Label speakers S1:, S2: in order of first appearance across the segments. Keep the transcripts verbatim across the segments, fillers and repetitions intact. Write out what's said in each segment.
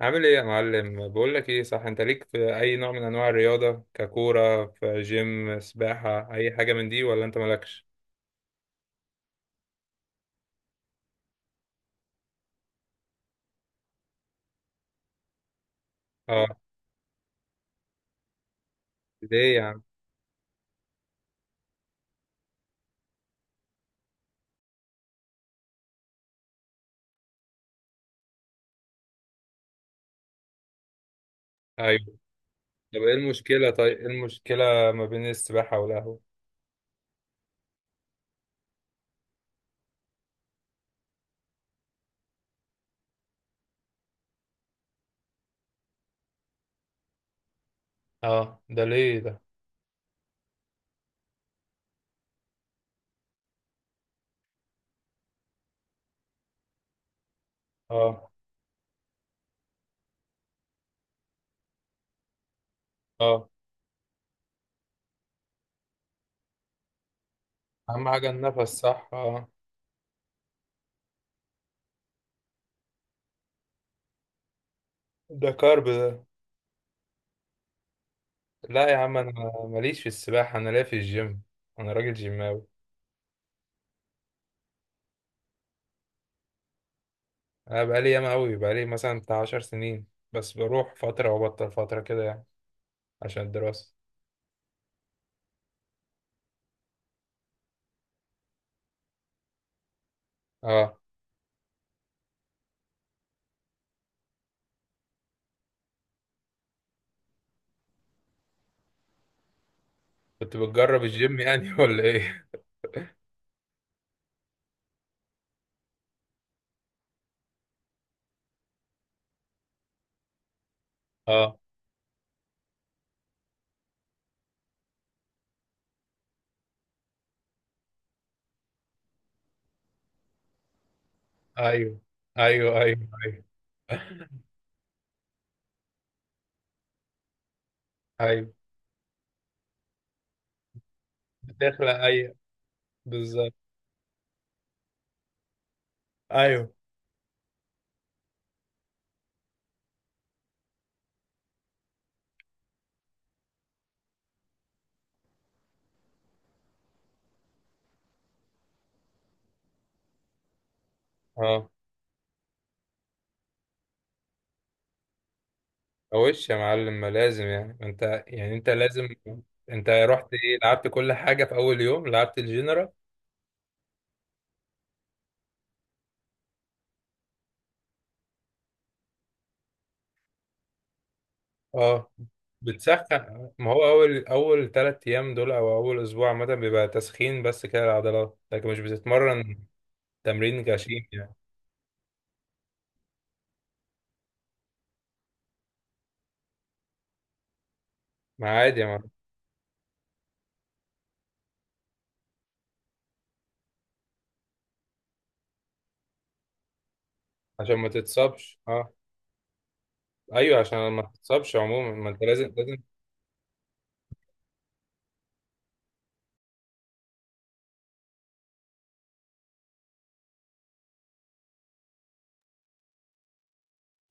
S1: عامل ايه يا معلم؟ بقول لك ايه، صح، انت ليك في اي نوع من انواع الرياضه؟ ككوره في جيم سباحه اي حاجه من دي ولا انت مالكش؟ اه، ليه يا عم؟ ايوه. طب ايه المشكله طيب ايه المشكله ما بين السباحه والقهوه؟ اه، ده ليه ده؟ اه. اه، اهم حاجه النفس، صح، اه. ده كارب ده. لا يا عم، انا ماليش في السباحه، انا ليا في الجيم. انا راجل جيماوي. انا بقالي ياما قوي، بقالي مثلا بتاع 10 سنين، بس بروح فتره وبطل فتره كده يعني، عشان الدراسه. اه، كنت بتجرب الجيم يعني ولا ايه؟ اه، ايوه، ايوه، ايوه. ايوه، ايوه. بتخلق، ايوه، بالظبط. ايوه. اه، وش يا معلم، ما لازم، يعني انت يعني انت لازم. انت رحت، ايه، لعبت كل حاجه في اول يوم؟ لعبت الجنرال؟ اه، بتسخن. ما هو اول اول ثلاث ايام دول او اول اسبوع عامه بيبقى تسخين بس كده العضلات، لكن مش بتتمرن. تمرين غشيم يعني. ما عادي يا معلم. عشان ما تتصابش، اه. ايوه، عشان ما تتصابش عموما، ما انت لازم لازم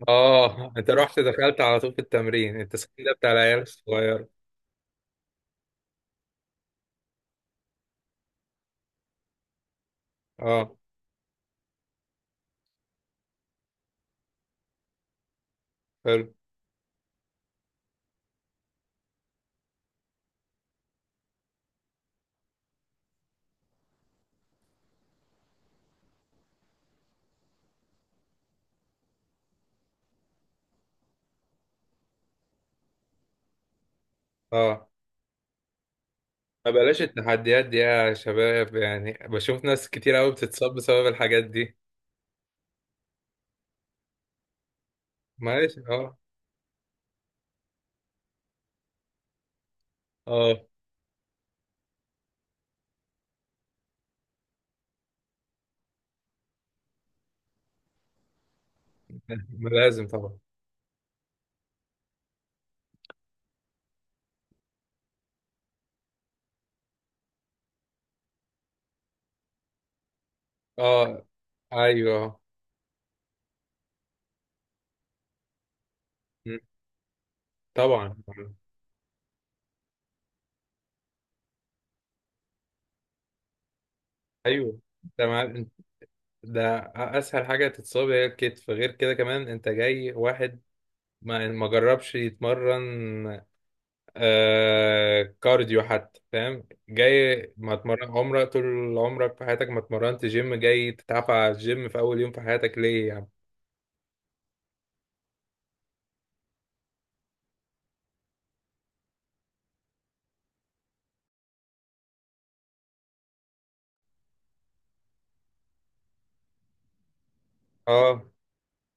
S1: اه. انت رحت دخلت على طول في التمرين، التسخين ده بتاع العيال الصغير. اه. حلو. اه. ما بلاش التحديات دي يا شباب، يعني بشوف ناس كتير قوي بتتصاب بسبب الحاجات دي. ماشي، اه. اه. ما لازم طبعا. اه، ايوه، م، طبعا. ايوه، تمام. ده اسهل حاجه تتصاب هي الكتف. غير كده كمان انت جاي واحد ما ما جربش يتمرن. آه كارديو حتى، فاهم. جاي ما اتمرن عمرك، طول عمرك في حياتك ما اتمرنت جيم، جاي تتعافى على الجيم في اول يوم في حياتك، ليه يعني؟ اه،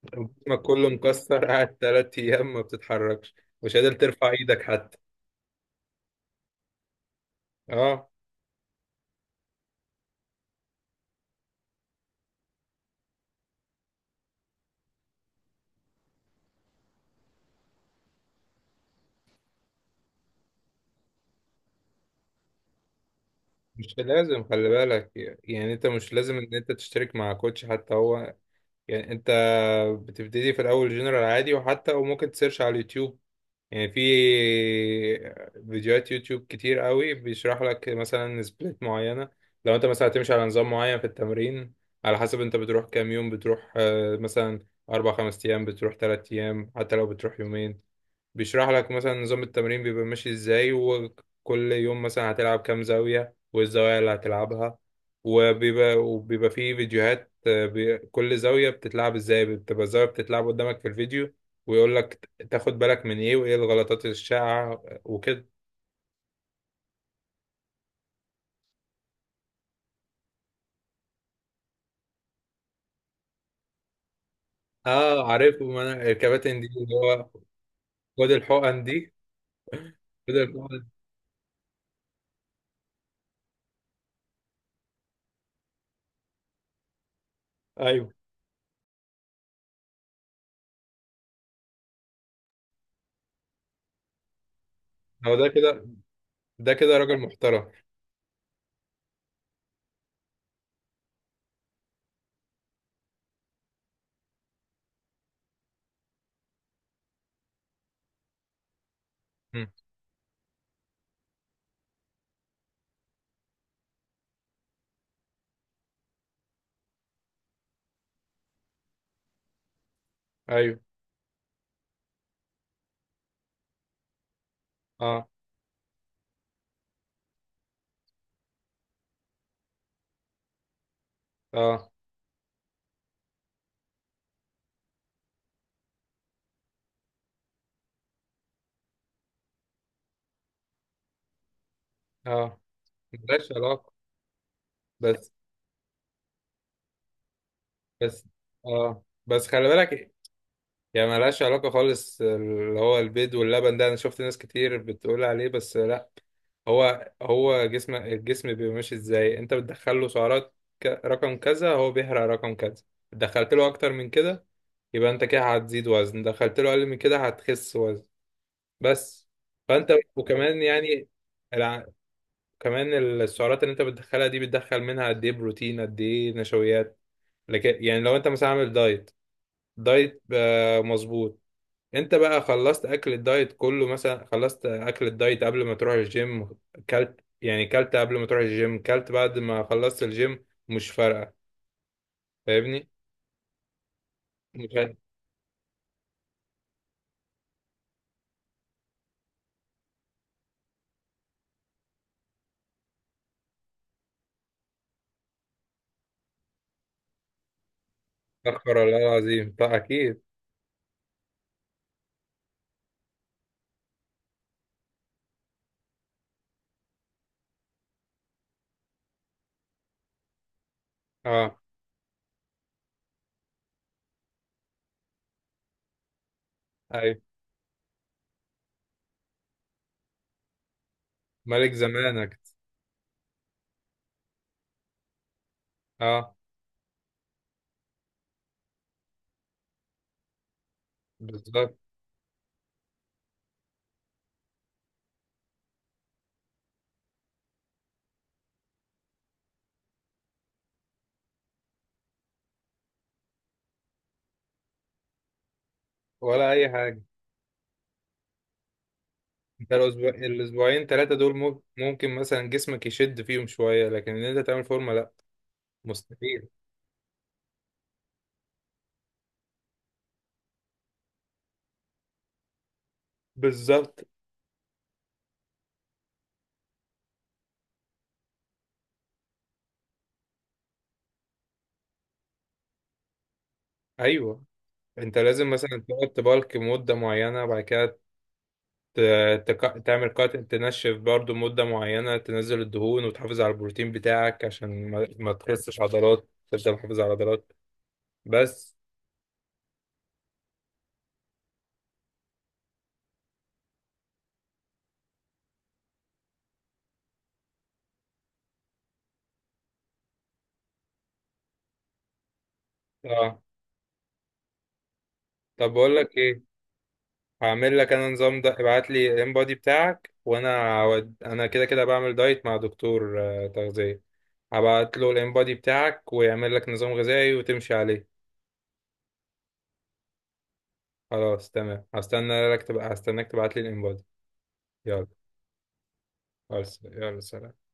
S1: جسمك كله مكسر. قاعد تلات ايام ما بتتحركش، مش قادر ترفع ايدك حتى. اه، مش لازم، خلي بالك، يعني انت مش لازم ان انت تشترك مع كوتش حتى، هو يعني. انت بتبتدي في الاول جنرال عادي، وحتى وممكن تسيرش على اليوتيوب، يعني في فيديوهات يوتيوب كتير قوي بيشرح لك مثلا سبليت معينة. لو انت مثلا هتمشي على نظام معين في التمرين، على حسب انت بتروح كام يوم، بتروح آه، مثلا اربع خمس ايام، بتروح تلات ايام، حتى لو بتروح يومين. بيشرح لك مثلا نظام التمرين بيبقى ماشي ازاي، وكل يوم مثلا هتلعب كام زاوية، والزوايا اللي هتلعبها، وبيبقى وبيبقى فيه فيديوهات، آه، بي- كل زاوية بتتلعب ازاي، بتبقى الزاوية بتتلعب قدامك في الفيديو، ويقول لك تاخد بالك من ايه، وايه الغلطات الشائعة وكده. اه، عارف. ما انا الكباتن دي اللي هو، خد الحقن دي، خد الحقن. ايوه. هو ده كده. ده كده راجل محترم. مم. ايوه. اه، اه، اه، ملهاش علاقة. بس بس اه، بس خلي بالك، يعني ملهاش علاقة خالص، اللي هو البيض واللبن ده انا شفت ناس كتير بتقول عليه، بس لا. هو هو جسم الجسم بيبقى ماشي ازاي، انت بتدخل له سعرات ك- رقم كذا، هو بيحرق رقم كذا. دخلت له اكتر من كده، يبقى انت كده هتزيد وزن. دخلت له اقل من كده هتخس وزن. بس. فانت وكمان يعني، الع... كمان السعرات اللي انت بتدخلها دي، بتدخل منها قد ايه بروتين قد ايه نشويات. لكن يعني، لو انت مثلا عامل دايت، دايت آه، مظبوط، انت بقى خلصت اكل الدايت كله، مثلا خلصت اكل الدايت قبل ما تروح الجيم، كلت يعني كلت قبل ما تروح الجيم، كلت بعد ما خلصت الجيم، مش فارقة. فاهمني؟ مش هتأخر والله العظيم، طيب اكيد. اه. ايوه، ملك زمانك. اه، بالظبط. ولا اي حاجة. انت الاسبوع الاسبوعين ثلاثة دول مم- ممكن مثلا جسمك يشد فيهم شوية، لكن ان انت تعمل فورمة لا. مستحيل. بالظبط. ايوه، انت لازم مثلا تقعد تبالك مدة معينة، بعد كده ت- تك- تعمل كات، تنشف برضو مدة معينة، تنزل الدهون وتحافظ على البروتين بتاعك عشان ما, ما تخسش عضلات، تفضل محافظ على عضلات. بس. اه، طب بقول لك ايه، هعمل لك انا نظام. ده ابعت لي الام بودي بتاعك، وانا هود- انا كده كده بعمل دايت مع دكتور آه، تغذية. هبعت له الام بودي بتاعك ويعمل لك نظام غذائي وتمشي عليه. خلاص تمام، هستنى لك تبقى، هستناك تبعت لي الام بودي. يلا. خلاص، يلا، سلام.